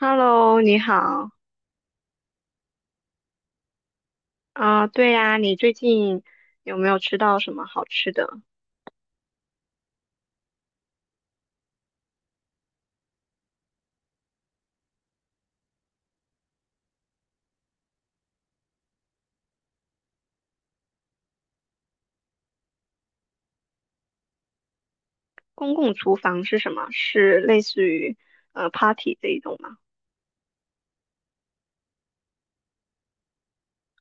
Hello，你好。啊、对呀、你最近有没有吃到什么好吃的？公共厨房是什么？是类似于party 这一种吗？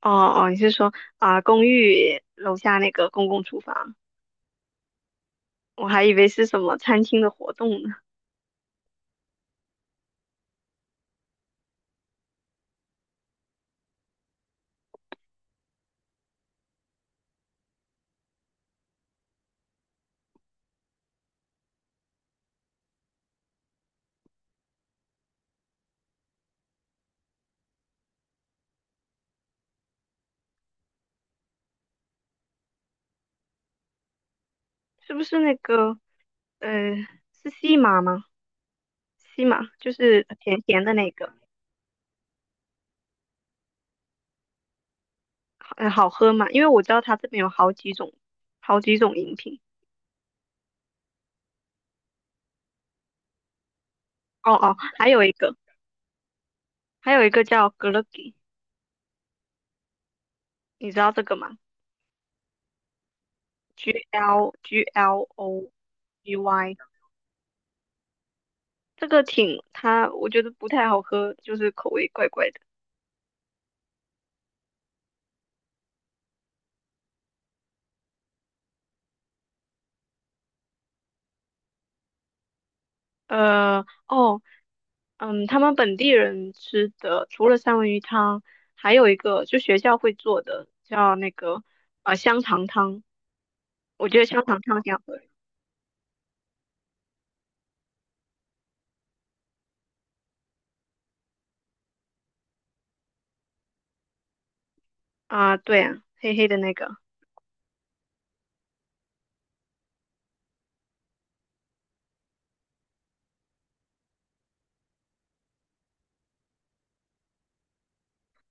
哦哦，你是说啊、公寓楼下那个公共厨房？我还以为是什么餐厅的活动呢。是不是那个呃是西马吗？西马就是甜甜的那个，好喝吗？因为我知道它这边有好几种饮品。哦哦，还有一个叫格勒吉。你知道这个吗？G L G L O G Y，这个挺它，我觉得不太好喝，就是口味怪怪的。哦，嗯，他们本地人吃的除了三文鱼汤，还有一个就学校会做的叫那个香肠汤，我觉得香肠汤挺好喝的啊，对啊，黑黑的那个，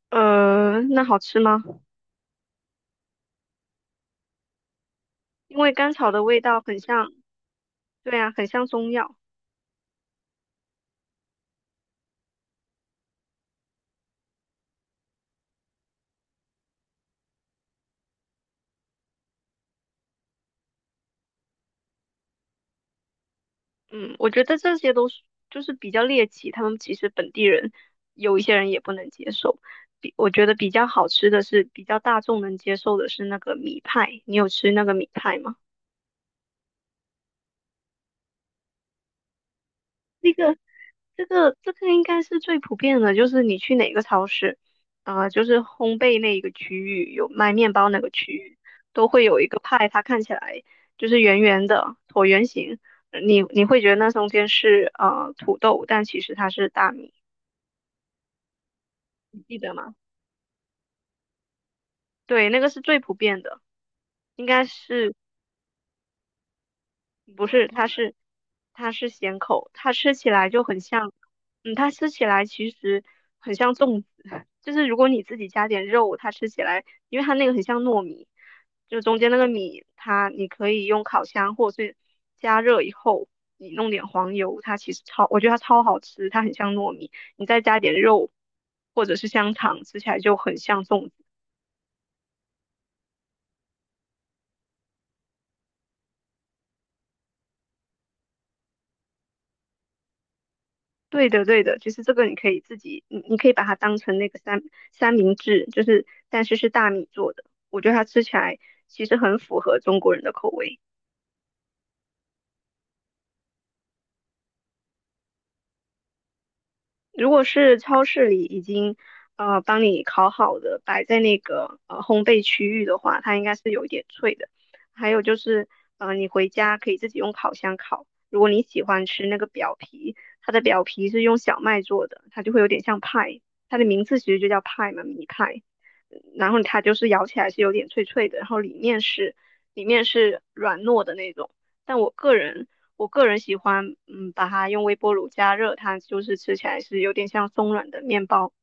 那好吃吗？因为甘草的味道很像，对啊，很像中药。嗯，我觉得这些都是就是比较猎奇，他们其实本地人有一些人也不能接受。我觉得比较好吃的是比较大众能接受的是那个米派，你有吃那个米派吗？那个这个应该是最普遍的，就是你去哪个超市，啊、就是烘焙那一个区域有卖面包那个区域，都会有一个派，它看起来就是圆圆的椭圆形，你会觉得那中间是土豆，但其实它是大米，你记得吗？对，那个是最普遍的，应该是不是？它是咸口，它吃起来就很像，它吃起来其实很像粽子，就是如果你自己加点肉，它吃起来，因为它那个很像糯米，就中间那个米，你可以用烤箱或者是加热以后，你弄点黄油，它其实超，我觉得它超好吃，它很像糯米，你再加点肉或者是香肠，吃起来就很像粽子。对的，对的，就是这个，你可以自己，你可以把它当成那个三明治，就是但是是大米做的，我觉得它吃起来其实很符合中国人的口味。如果是超市里已经帮你烤好的，摆在那个烘焙区域的话，它应该是有一点脆的。还有就是，你回家可以自己用烤箱烤。如果你喜欢吃那个表皮，它的表皮是用小麦做的，它就会有点像派，它的名字其实就叫派嘛，米派。然后它就是咬起来是有点脆脆的，然后里面是软糯的那种。但我个人喜欢，把它用微波炉加热，它就是吃起来是有点像松软的面包。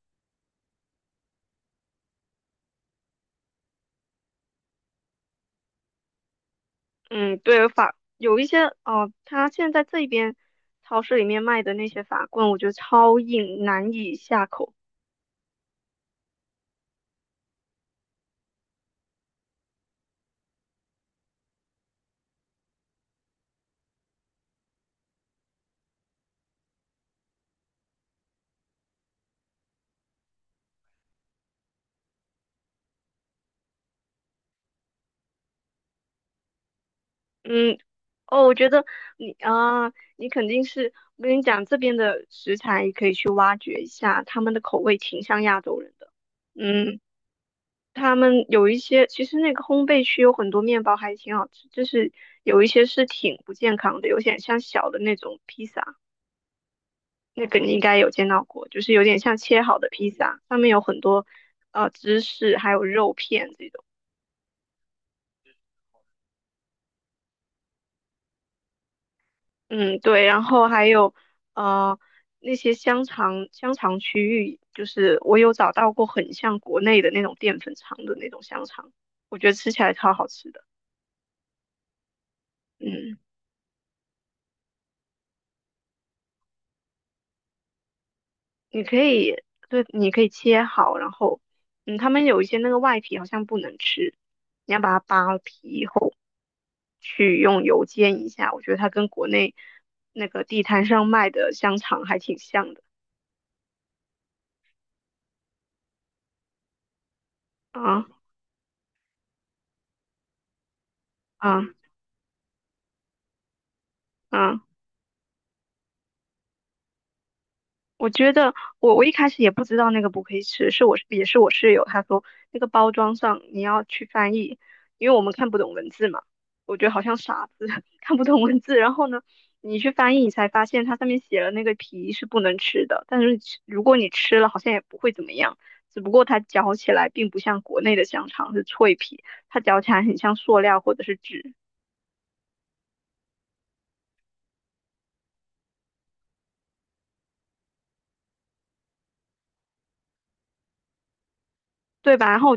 嗯，对，有一些哦，它现在这边超市里面卖的那些法棍，我觉得超硬，难以下口。嗯，哦，我觉得你啊，你肯定是，我跟你讲，这边的食材可以去挖掘一下，他们的口味挺像亚洲人的。嗯。他们有一些，其实那个烘焙区有很多面包还挺好吃，就是有一些是挺不健康的，有点像小的那种披萨，那个你应该有见到过，就是有点像切好的披萨，上面有很多芝士还有肉片这种。嗯，对，然后还有呃那些香肠区域，就是我有找到过很像国内的那种淀粉肠的那种香肠，我觉得吃起来超好吃的。嗯。你可以，对，你可以切好，然后，他们有一些那个外皮好像不能吃，你要把它扒皮后去用油煎一下。我觉得它跟国内那个地摊上卖的香肠还挺像的。啊啊啊！我觉得我一开始也不知道那个不可以吃，是我也是我室友他说那个包装上你要去翻译，因为我们看不懂文字嘛，我觉得好像傻子 看不懂文字，然后呢你去翻译你才发现它上面写了那个皮是不能吃的，但是如果你吃了好像也不会怎么样，只不过它嚼起来并不像国内的香肠是脆皮，它嚼起来很像塑料或者是纸，对吧？然后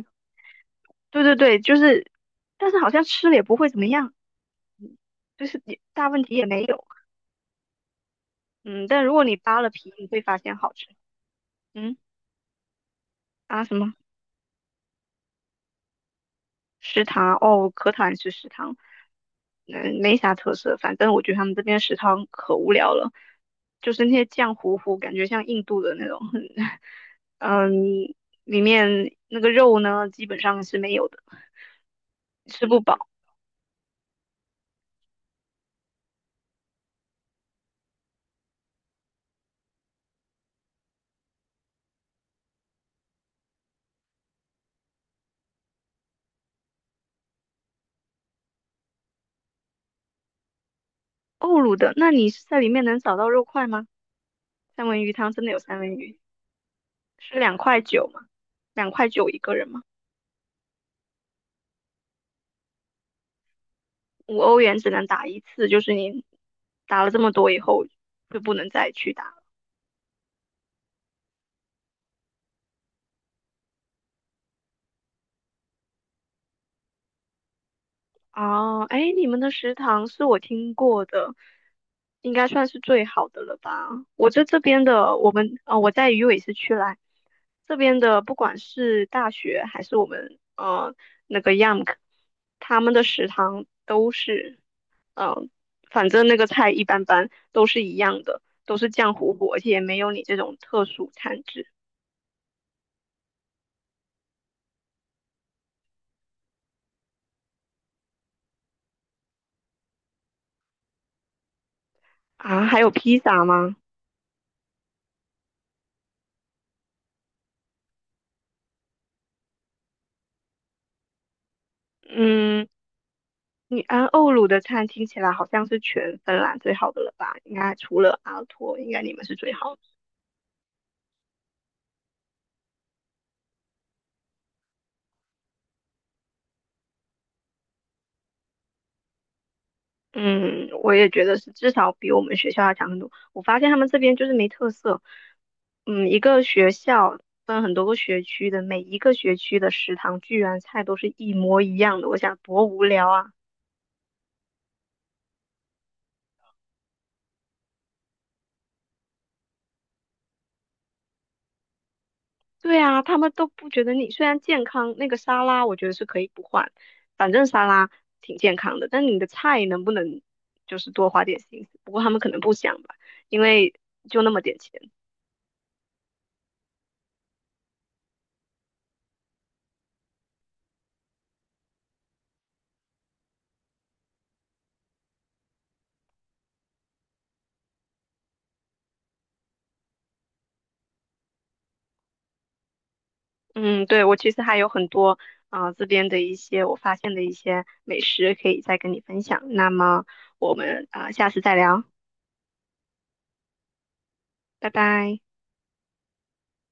对对对，就是，但是好像吃了也不会怎么样，就是也大问题也没有。嗯，但如果你扒了皮，你会发现好吃。嗯啊，什么食堂？哦，可讨厌吃食堂，嗯，没啥特色。反正我觉得他们这边食堂可无聊了，就是那些酱糊糊，感觉像印度的那种。嗯，里面那个肉呢，基本上是没有的，吃不饱。欧陆的，那你是在里面能找到肉块吗？三文鱼汤真的有三文鱼，是两块九吗？两块九一个人吗？5欧元只能打一次，就是你打了这么多以后就不能再去打了。哦，哎，你们的食堂是我听过的，应该算是最好的了吧？我在这边的，我们我在鱼尾市区来，这边的不管是大学还是我们那个 YAMK，他们的食堂都是嗯、呃反正那个菜一般般，都是一样的，都是酱糊糊，而且也没有你这种特殊餐制。啊，还有披萨吗？嗯，你安奥鲁的餐听起来好像是全芬兰最好的了吧？应该除了阿托，应该你们是最好的。嗯，我也觉得是，至少比我们学校要强很多。我发现他们这边就是没特色。嗯，一个学校分很多个学区的，每一个学区的食堂居然菜都是一模一样的，我想多无聊啊！对啊，他们都不觉得你虽然健康，那个沙拉我觉得是可以不换，反正沙拉挺健康的，但你的菜能不能就是多花点心思？不过他们可能不想吧，因为就那么点钱。嗯，对，我其实还有很多这边的一些我发现的一些美食可以再跟你分享。那么我们下次再聊，拜拜。